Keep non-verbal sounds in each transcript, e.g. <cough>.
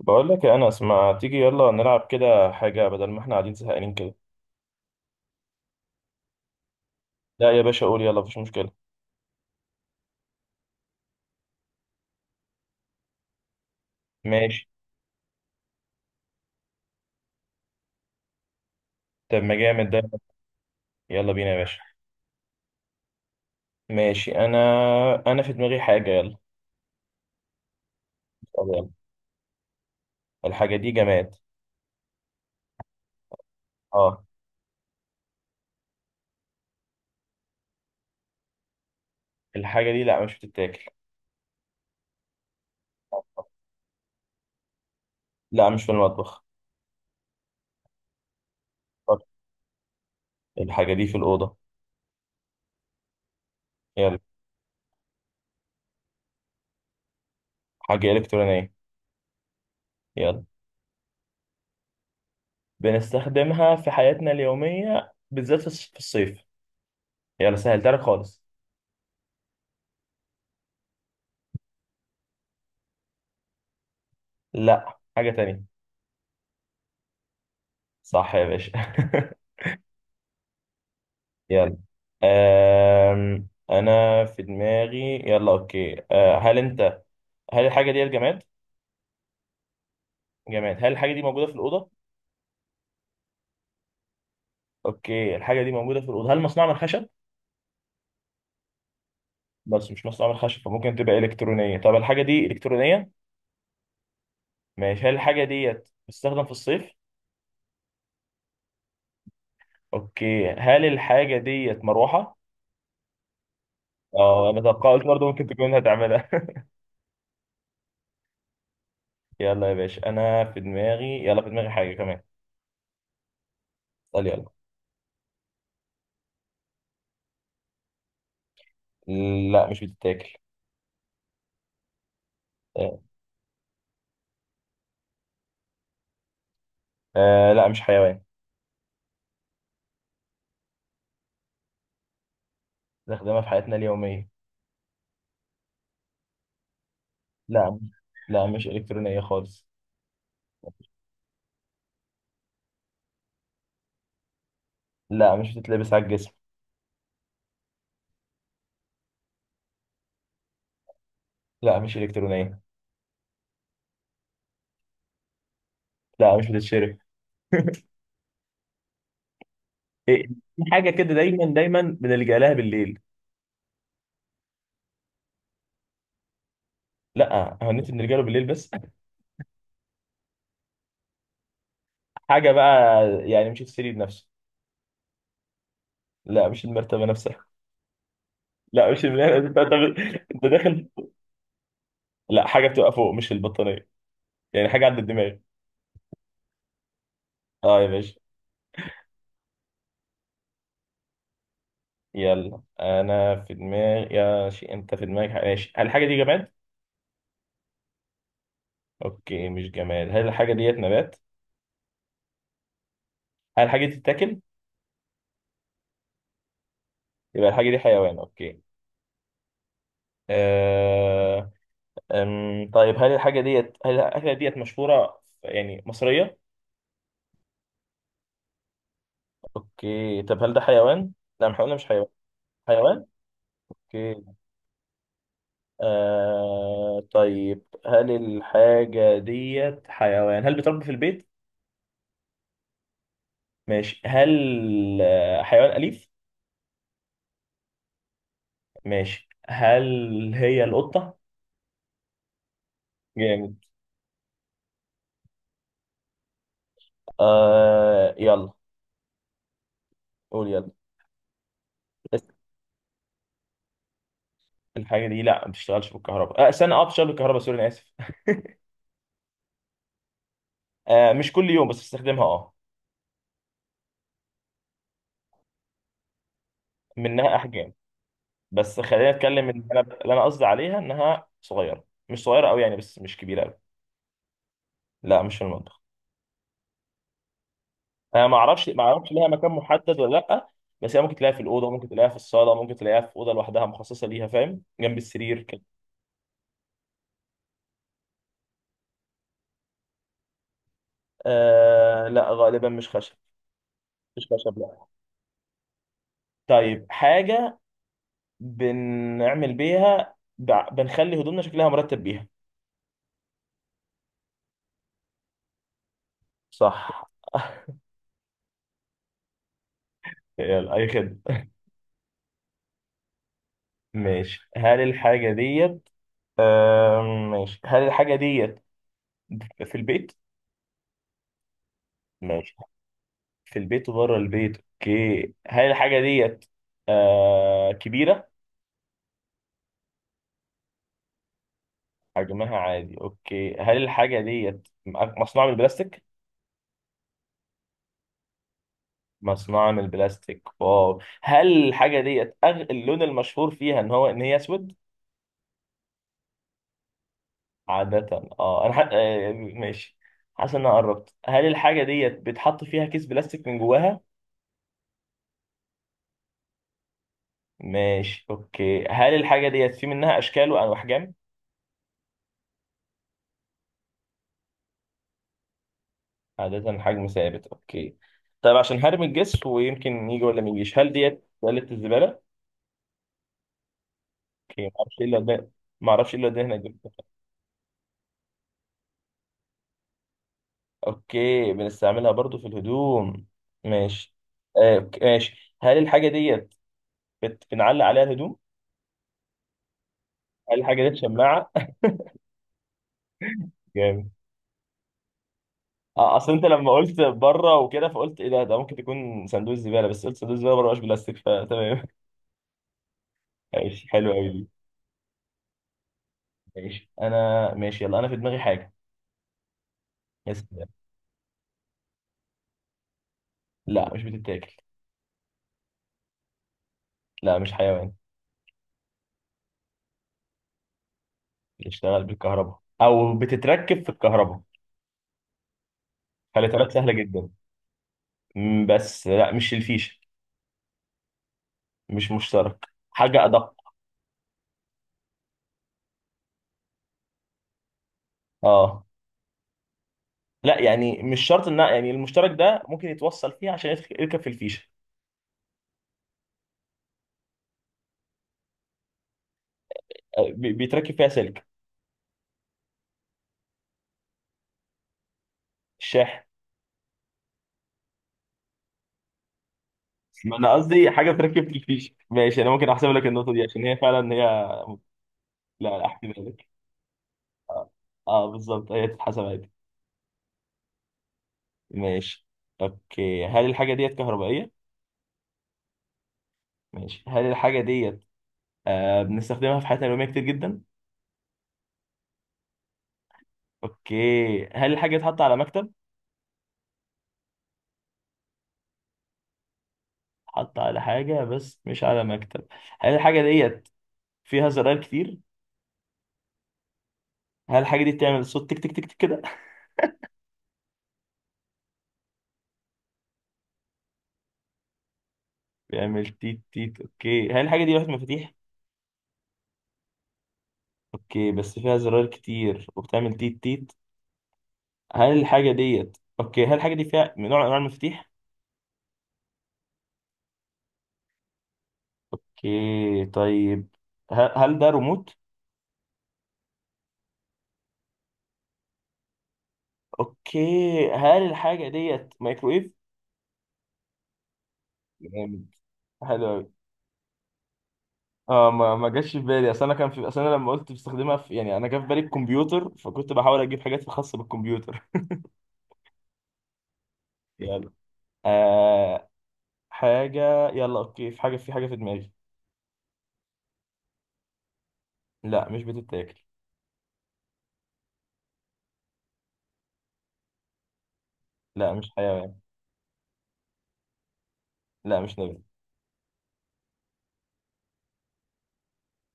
بقول لك يا انس، ما تيجي يلا نلعب كده حاجه بدل ما احنا قاعدين زهقانين كده. لا يا باشا، قول يلا مفيش مشكله. ماشي. طب ما جامد ده. يلا بينا يا باشا. ماشي انا. انا في دماغي حاجه، يلا. طب يلا، الحاجه دي جماد. اه. الحاجه دي لا، مش بتتاكل. لا، مش في المطبخ. طب الحاجه دي في الاوضه، يلا. حاجه الكترونيه، يلا. بنستخدمها في حياتنا اليوميه، بالذات في الصيف. يلا سهلتها لك خالص. لا، حاجه تانية. صح يا باشا. <laughs> يلا. انا في دماغي، يلا. اوكي، أه. هل الحاجه دي جماد؟ جماد. هل الحاجه دي موجوده في الاوضه؟ اوكي، الحاجه دي موجوده في الاوضه. هل مصنوعه من خشب؟ بس مش مصنوعه من خشب، فممكن تبقى الكترونيه. طب الحاجه دي الكترونيه. ماشي، هل الحاجه ديت بتستخدم في الصيف؟ اوكي، هل الحاجه ديت مروحه؟ اه انا توقعت برضه ممكن تكون هتعملها. <laughs> يلا يا باشا. انا في دماغي، يلا. في دماغي حاجه كمان. اسال يلا. لا، مش بتتاكل. أه. آه، لا مش حيوان. نستخدمها في حياتنا اليومية. لا مش- لا مش إلكترونية خالص. لا، مش بتتلبس على الجسم. لا، مش إلكترونية. لا، مش بتتشرب. إيه، في حاجة كده دايما دايما بنلجأ لها بالليل. لا، هو النت بنلجأ له بالليل بس. <laughs> حاجة بقى. يعني مش السرير نفسه. لا، مش المرتبة نفسها. <laughs> لا مش الملاية. أنت داخل. لا، حاجة بتبقى فوق، مش البطانية. يعني حاجة عند الدماغ. اه يا باشا. يلا انا في دماغي يا شيء، انت في دماغك حاجة. ماشي، هل الحاجة دي جماد؟ اوكي، مش جماد. هل الحاجة ديت نبات؟ هل الحاجة دي تتاكل؟ يبقى الحاجة دي حيوان، أوكي. آه... طيب، هل الأكلة ديت مشهورة، يعني مصرية؟ أوكي، طب هل ده حيوان؟ لا احنا قلنا مش حيوان. حيوان؟ أوكي. طيب، هل الحاجة ديت حيوان؟ هل بتربى في البيت؟ ماشي. هل آه، حيوان أليف؟ ماشي، هل هي القطة؟ جامد. يلا. قول يلا. الحاجة دي لا، ما بتشتغلش بالكهرباء. آه استنى، اه بتشتغل بالكهرباء. سوري، أنا آسف. آه، مش كل يوم بس بستخدمها، اه. منها احجام. بس خلينا نتكلم ان انا قصدي عليها انها صغيره، مش صغيره قوي يعني، بس مش كبيره قوي. لا، مش في المطبخ. انا ما اعرفش ليها مكان محدد ولا لا. بس هي ممكن تلاقيها في الاوضه، ممكن تلاقيها في الصاله، ممكن تلاقيها في اوضه لوحدها مخصصه ليها، فاهم، جنب السرير كده. آه لا، غالبا مش خشب. مش خشب لا. طيب حاجه بنعمل بيها، بنخلي هدومنا شكلها مرتب بيها. صح. <laughs> يلا، اي خدمه. ماشي، هل الحاجه ديت، ماشي، هل الحاجة ديت في البيت؟ ماشي، في البيت وبره البيت. اوكي، هل الحاجة ديت آه كبيرة؟ حجمها عادي، اوكي. هل الحاجة ديت مصنوعة من البلاستيك؟ مصنوعة من البلاستيك، واو. هل الحاجة ديت اللون المشهور فيها ان هي اسود؟ عادة اه. انا ح... آه ماشي. حاسس ان انا قربت. هل الحاجة ديت بيتحط فيها كيس بلاستيك من جواها؟ ماشي، اوكي. هل الحاجة ديت في منها اشكال وانواع احجام؟ عادة حجم ثابت، اوكي. طيب، عشان حجم الجسر ويمكن يجي ولا ما يجيش، هل ديت سلة الزبالة؟ اوكي، ما اعرفش ايه اللي قدام ما اعرفش ايه اللي قدام هناك. اوكي، بنستعملها برضو في الهدوم، ماشي. آه، أوكي، ماشي. هل الحاجة ديت بنعلق عليها الهدوم؟ هل الحاجة ديت شماعة؟ <laughs> جامد. اه، اصل انت لما قلت بره وكده فقلت ايه ده ممكن تكون صندوق الزبالة، بس قلت صندوق الزبالة بره مش بلاستيك، فتمام. <laughs> ماشي، حلو قوي دي. ماشي انا، ماشي. يلا انا في دماغي حاجة. يا سلام. لا، مش بتتاكل. لا، مش حيوان. بيشتغل بالكهرباء او بتتركب في الكهرباء. فالاترات سهله جدا. بس لا، مش الفيشه. مش مشترك، حاجه ادق. اه، لا يعني مش شرط ان يعني المشترك ده ممكن يتوصل فيه عشان يركب في الفيشه. آه، بيتركب فيها سلك. الشاحن. ما انا قصدي حاجه بتركب في الفيشه، ماشي انا ممكن احسب لك النقطه دي عشان هي فعلا هي. لا احسبها لك. اه بالظبط، هي تتحسب عادي. ماشي، اوكي. هل الحاجه ديت كهربائيه؟ ماشي، هل الحاجه ديت آه بنستخدمها في حياتنا اليوميه كتير جدا؟ اوكي، هل الحاجة اتحط على مكتب؟ اتحط على حاجة، بس مش على مكتب. هل الحاجة ديت فيها زرار كتير؟ هل الحاجة دي بتعمل صوت تك تك تك تك كده؟ <laughs> بيعمل تيت تيت. اوكي، هل الحاجة دي لوحة مفاتيح؟ اوكي، بس فيها زرار كتير وبتعمل تيت تيت. هل الحاجة ديت اوكي، هل الحاجة دي فيها من نوع من انواع المفاتيح؟ اوكي، طيب. هل ده ريموت؟ اوكي، هل الحاجة ديت مايكرويف؟ جامد، حلو. اه، ما جاش في بالي. اصل انا كان في اصل انا لما قلت بستخدمها في، يعني انا جا في بالي الكمبيوتر، فكنت بحاول اجيب حاجات خاصه بالكمبيوتر. <laughs> يلا. آه، حاجه، يلا اوكي. في حاجه في دماغي. لا، مش بتتاكل. لا، مش حيوان. لا، مش نبات.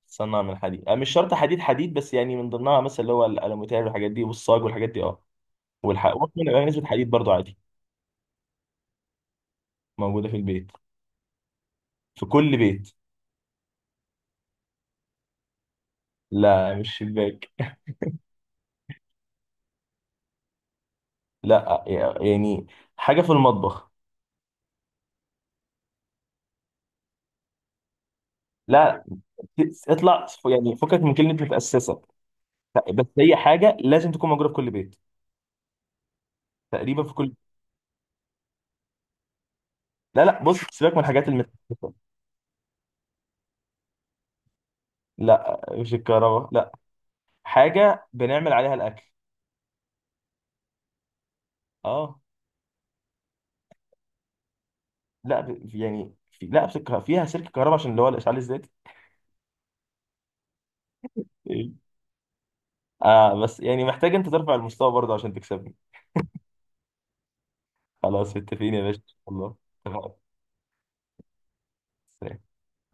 تصنع من حديد؟ آه، مش شرط حديد حديد، بس يعني من ضمنها مثلا اللي هو الالومتير والحاجات دي والصاج والحاجات دي، اه. والحق ممكن يبقى نسبه حديد برضو عادي. موجوده في البيت. في كل بيت. لا، مش شباك. لا، يعني حاجه في المطبخ. لا. اطلع يعني، فكك من كلمه متاسسه. بس هي حاجه لازم تكون موجوده في كل بيت، تقريبا في كل. لا بص سيبك من الحاجات المتاسسه. لا، مش الكهرباء لا. حاجه بنعمل عليها الاكل. اه. لا ب... يعني في... لا بسك... فيها سلك كهرباء عشان اللي هو الاشعال الذاتي. إيه. اه بس يعني محتاج انت ترفع المستوى برضه عشان تكسبني. خلاص، متفقين يا باشا. الله. اتفقنا. سلام.